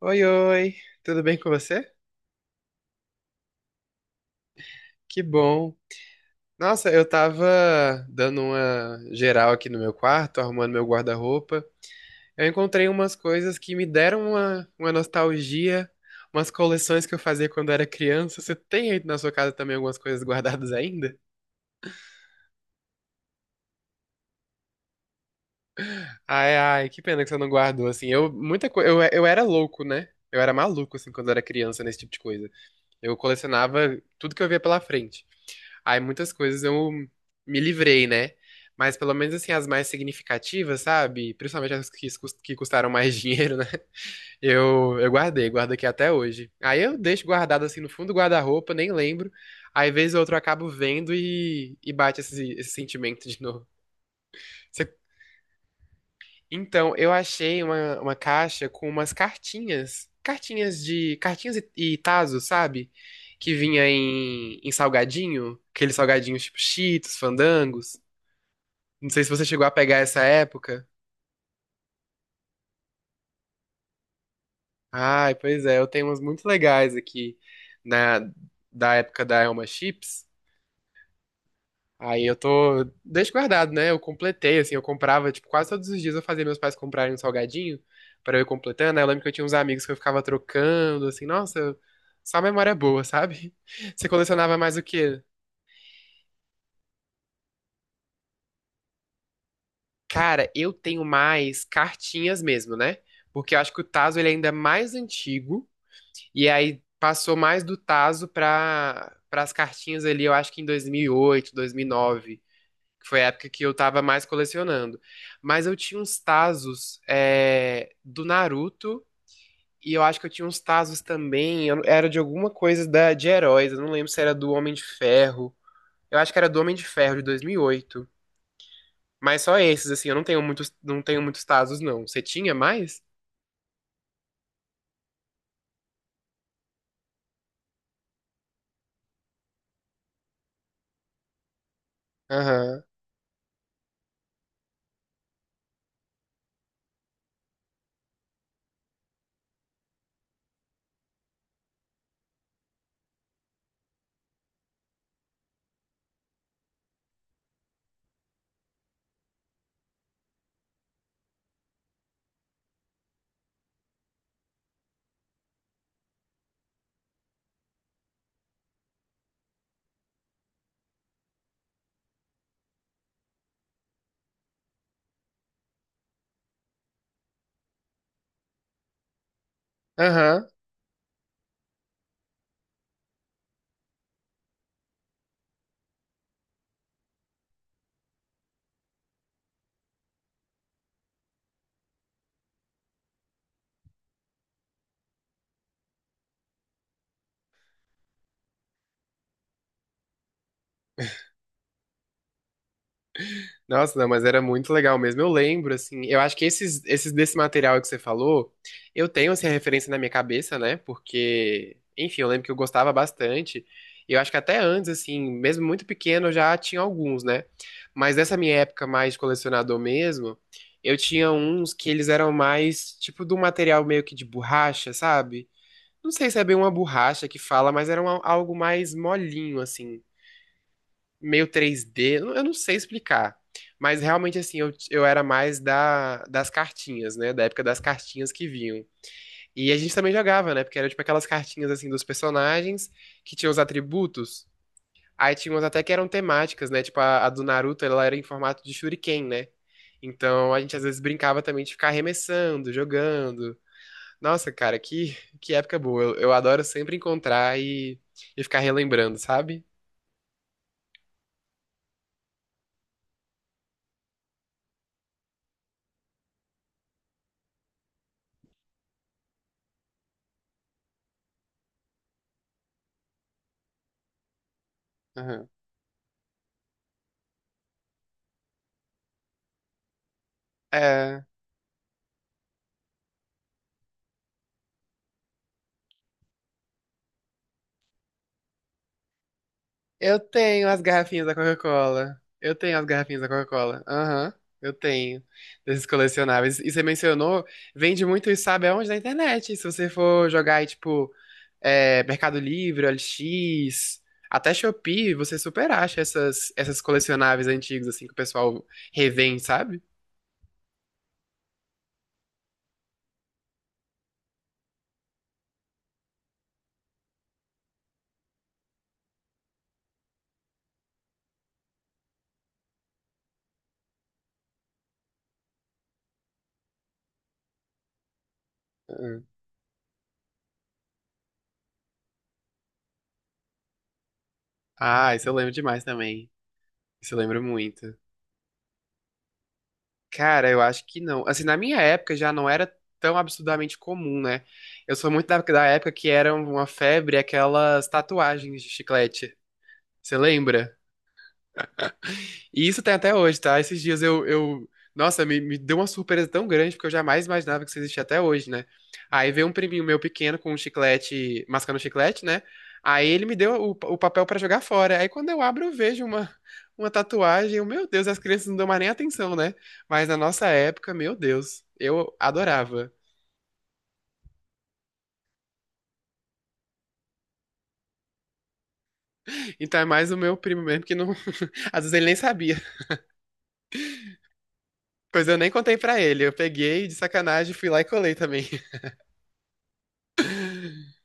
Oi, oi, tudo bem com você? Que bom. Nossa, eu tava dando uma geral aqui no meu quarto, arrumando meu guarda-roupa. Eu encontrei umas coisas que me deram uma nostalgia, umas coleções que eu fazia quando era criança. Você tem aí na sua casa também algumas coisas guardadas ainda? Ai, ai, que pena que você não guardou, assim. Eu, muita coisa, eu era louco, né? Eu era maluco, assim, quando eu era criança, nesse tipo de coisa. Eu colecionava tudo que eu via pela frente. Aí muitas coisas eu me livrei, né? Mas pelo menos assim, as mais significativas, sabe? Principalmente as que, que custaram mais dinheiro, né? Eu guardei, guardo aqui até hoje. Aí eu deixo guardado assim no fundo do guarda-roupa, nem lembro. Aí vez ou outra eu acabo vendo e bate esse sentimento de novo. Você- Então, eu achei uma caixa com umas cartinhas. Cartinhas de. Cartinhas e tazos, sabe? Que vinha em salgadinho. Aqueles salgadinhos tipo Cheetos, Fandangos. Não sei se você chegou a pegar essa época. Ai, pois é, eu tenho umas muito legais aqui na da época da Elma Chips. Aí eu tô deixo guardado, né? Eu completei assim, eu comprava, tipo, quase todos os dias eu fazia meus pais comprarem um salgadinho pra eu ir completando. Aí eu lembro que eu tinha uns amigos que eu ficava trocando, assim, nossa, só memória boa, sabe? Você colecionava mais o quê? Cara, eu tenho mais cartinhas mesmo, né? Porque eu acho que o Tazo ele é ainda mais antigo. E aí passou mais do tazo para as cartinhas ali, eu acho que em 2008, 2009, que foi a época que eu tava mais colecionando. Mas eu tinha uns tazos do Naruto e eu acho que eu tinha uns tazos também, era de alguma coisa da de heróis, eu não lembro se era do Homem de Ferro. Eu acho que era do Homem de Ferro de 2008. Mas só esses assim, eu não tenho muitos, não tenho muitos tazos não. Você tinha mais? Aham. Aham. Nossa, não, mas era muito legal mesmo. Eu lembro, assim, eu acho que esses desse material que você falou, eu tenho, assim, a referência na minha cabeça, né? Porque, enfim, eu lembro que eu gostava bastante. E eu acho que até antes, assim, mesmo muito pequeno, eu já tinha alguns, né? Mas dessa minha época mais de colecionador mesmo, eu tinha uns que eles eram mais, tipo, de um material meio que de borracha, sabe? Não sei se é bem uma borracha que fala, mas era algo mais molinho, assim meio 3D, eu não sei explicar. Mas realmente, assim, eu era mais das cartinhas, né? Da época das cartinhas que vinham. E a gente também jogava, né? Porque era tipo aquelas cartinhas, assim, dos personagens que tinham os atributos. Aí tinha umas até que eram temáticas, né? Tipo, a do Naruto, ela era em formato de shuriken, né? Então a gente às vezes brincava também de ficar arremessando, jogando. Nossa, cara, que época boa. Eu adoro sempre encontrar e ficar relembrando, sabe? Aham. É, eu tenho as garrafinhas da Coca-Cola. Eu tenho as garrafinhas da Coca-Cola. Aham, eu tenho. Desses colecionáveis. E você mencionou, vende muito isso, sabe aonde? Na internet. Se você for jogar aí, tipo, Mercado Livre, OLX, até Shopee, você super acha essas colecionáveis antigos, assim, que o pessoal revende, sabe? Uhum. Ah, isso eu lembro demais também. Isso eu lembro muito. Cara, eu acho que não. Assim, na minha época já não era tão absurdamente comum, né? Eu sou muito da época que era uma febre aquelas tatuagens de chiclete. Você lembra? E isso tem até hoje, tá? Esses dias. Nossa, me deu uma surpresa tão grande, porque eu jamais imaginava que isso existia até hoje, né? Aí veio um priminho meu pequeno com um chiclete, mascando um chiclete, né? Aí ele me deu o papel pra jogar fora. Aí quando eu abro, eu vejo uma tatuagem. Eu, meu Deus, as crianças não dão mais nem atenção, né? Mas na nossa época, meu Deus, eu adorava. Então é mais o meu primo mesmo que não. Às vezes ele nem sabia. Pois eu nem contei pra ele. Eu peguei de sacanagem, fui lá e colei também.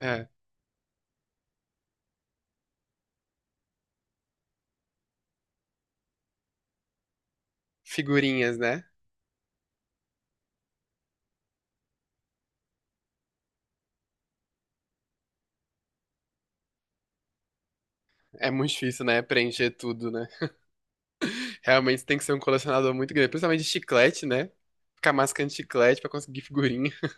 É, figurinhas, né? É muito difícil, né? Preencher tudo, né? Realmente tem que ser um colecionador muito grande. Principalmente de chiclete, né? Ficar mascando chiclete pra conseguir figurinha.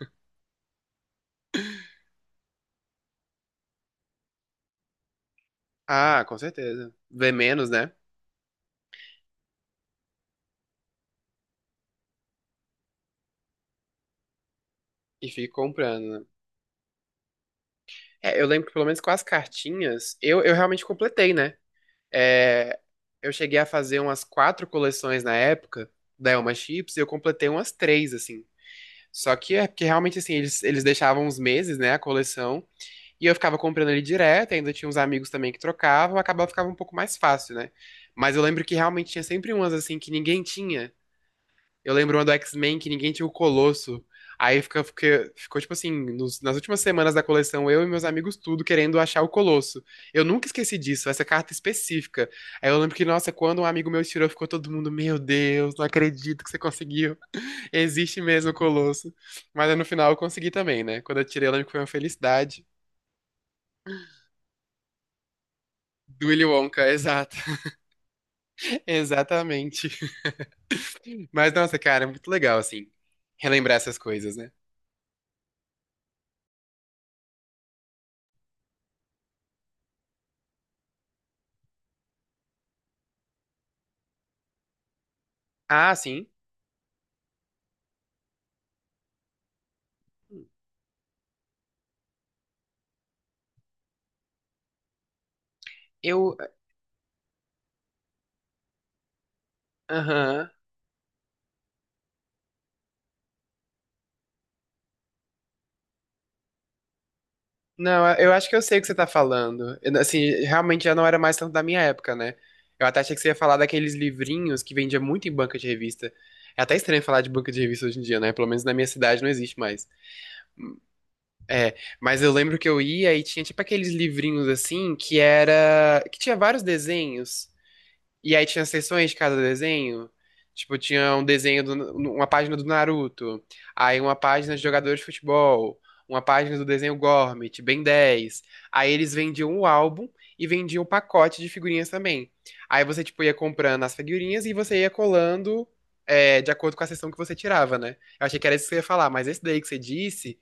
Ah, com certeza. Vê menos, né? E fica comprando, né? É, eu lembro que pelo menos com as cartinhas, eu realmente completei, né? É, eu cheguei a fazer umas quatro coleções na época da Elma Chips e eu completei umas três, assim. Só que é porque realmente, assim, eles deixavam uns meses, né? A coleção. E eu ficava comprando ele direto, ainda tinha uns amigos também que trocavam, acabava ficava um pouco mais fácil, né? Mas eu lembro que realmente tinha sempre umas assim que ninguém tinha. Eu lembro uma do X-Men que ninguém tinha o Colosso. Aí ficou, tipo assim, nas últimas semanas da coleção, eu e meus amigos tudo querendo achar o Colosso. Eu nunca esqueci disso, essa carta específica. Aí eu lembro que, nossa, quando um amigo meu tirou, ficou todo mundo, meu Deus, não acredito que você conseguiu. Existe mesmo o Colosso. Mas aí no final eu consegui também, né? Quando eu tirei, eu lembro que foi uma felicidade. Do Willy Wonka, exato. Exatamente. Mas, nossa, cara, é muito legal, assim, relembrar essas coisas, né? Ah, sim. Eu. Aham. Não, eu acho que eu sei o que você tá falando. Eu, assim, realmente já não era mais tanto da minha época, né? Eu até achei que você ia falar daqueles livrinhos que vendia muito em banca de revista. É até estranho falar de banca de revista hoje em dia, né? Pelo menos na minha cidade não existe mais. É, mas eu lembro que eu ia e tinha tipo aqueles livrinhos assim que era. Que tinha vários desenhos. E aí tinha seções de cada desenho. Tipo, tinha um desenho, uma página do Naruto, aí uma página de jogadores de futebol, uma página do desenho Gormit, Ben 10. Aí eles vendiam o álbum e vendiam o pacote de figurinhas também. Aí você, tipo, ia comprando as figurinhas e você ia colando de acordo com a sessão que você tirava, né? Eu achei que era isso que você ia falar, mas esse daí que você disse,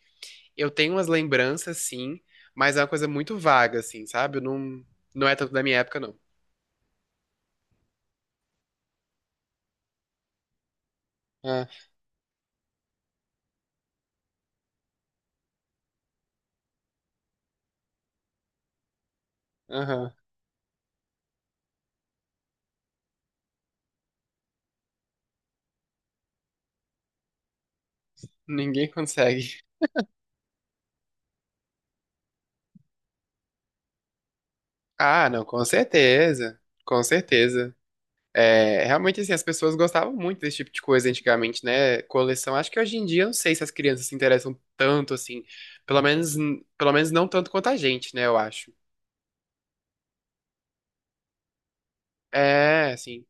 eu tenho umas lembranças, sim, mas é uma coisa muito vaga, assim, sabe? Eu não, não é tanto da minha época, não. Ah, aham. Ninguém consegue. Ah, não, com certeza. Com certeza. É, realmente, assim, as pessoas gostavam muito desse tipo de coisa antigamente, né? Coleção. Acho que hoje em dia, eu não sei se as crianças se interessam tanto, assim. Pelo menos, pelo menos não tanto quanto a gente, né? Eu acho. É, assim.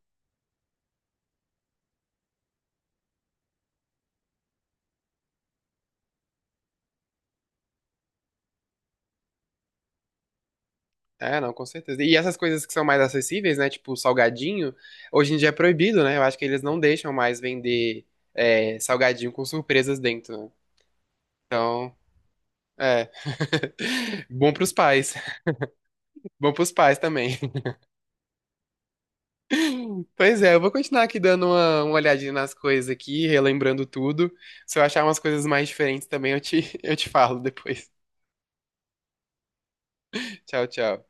É, não, com certeza. E essas coisas que são mais acessíveis, né? Tipo, salgadinho, hoje em dia é proibido, né? Eu acho que eles não deixam mais vender, salgadinho com surpresas dentro, né? Então, é. Bom pros pais. Bom pros pais também. Pois é, eu vou continuar aqui dando uma olhadinha nas coisas aqui, relembrando tudo. Se eu achar umas coisas mais diferentes também, eu te falo depois. Tchau, tchau.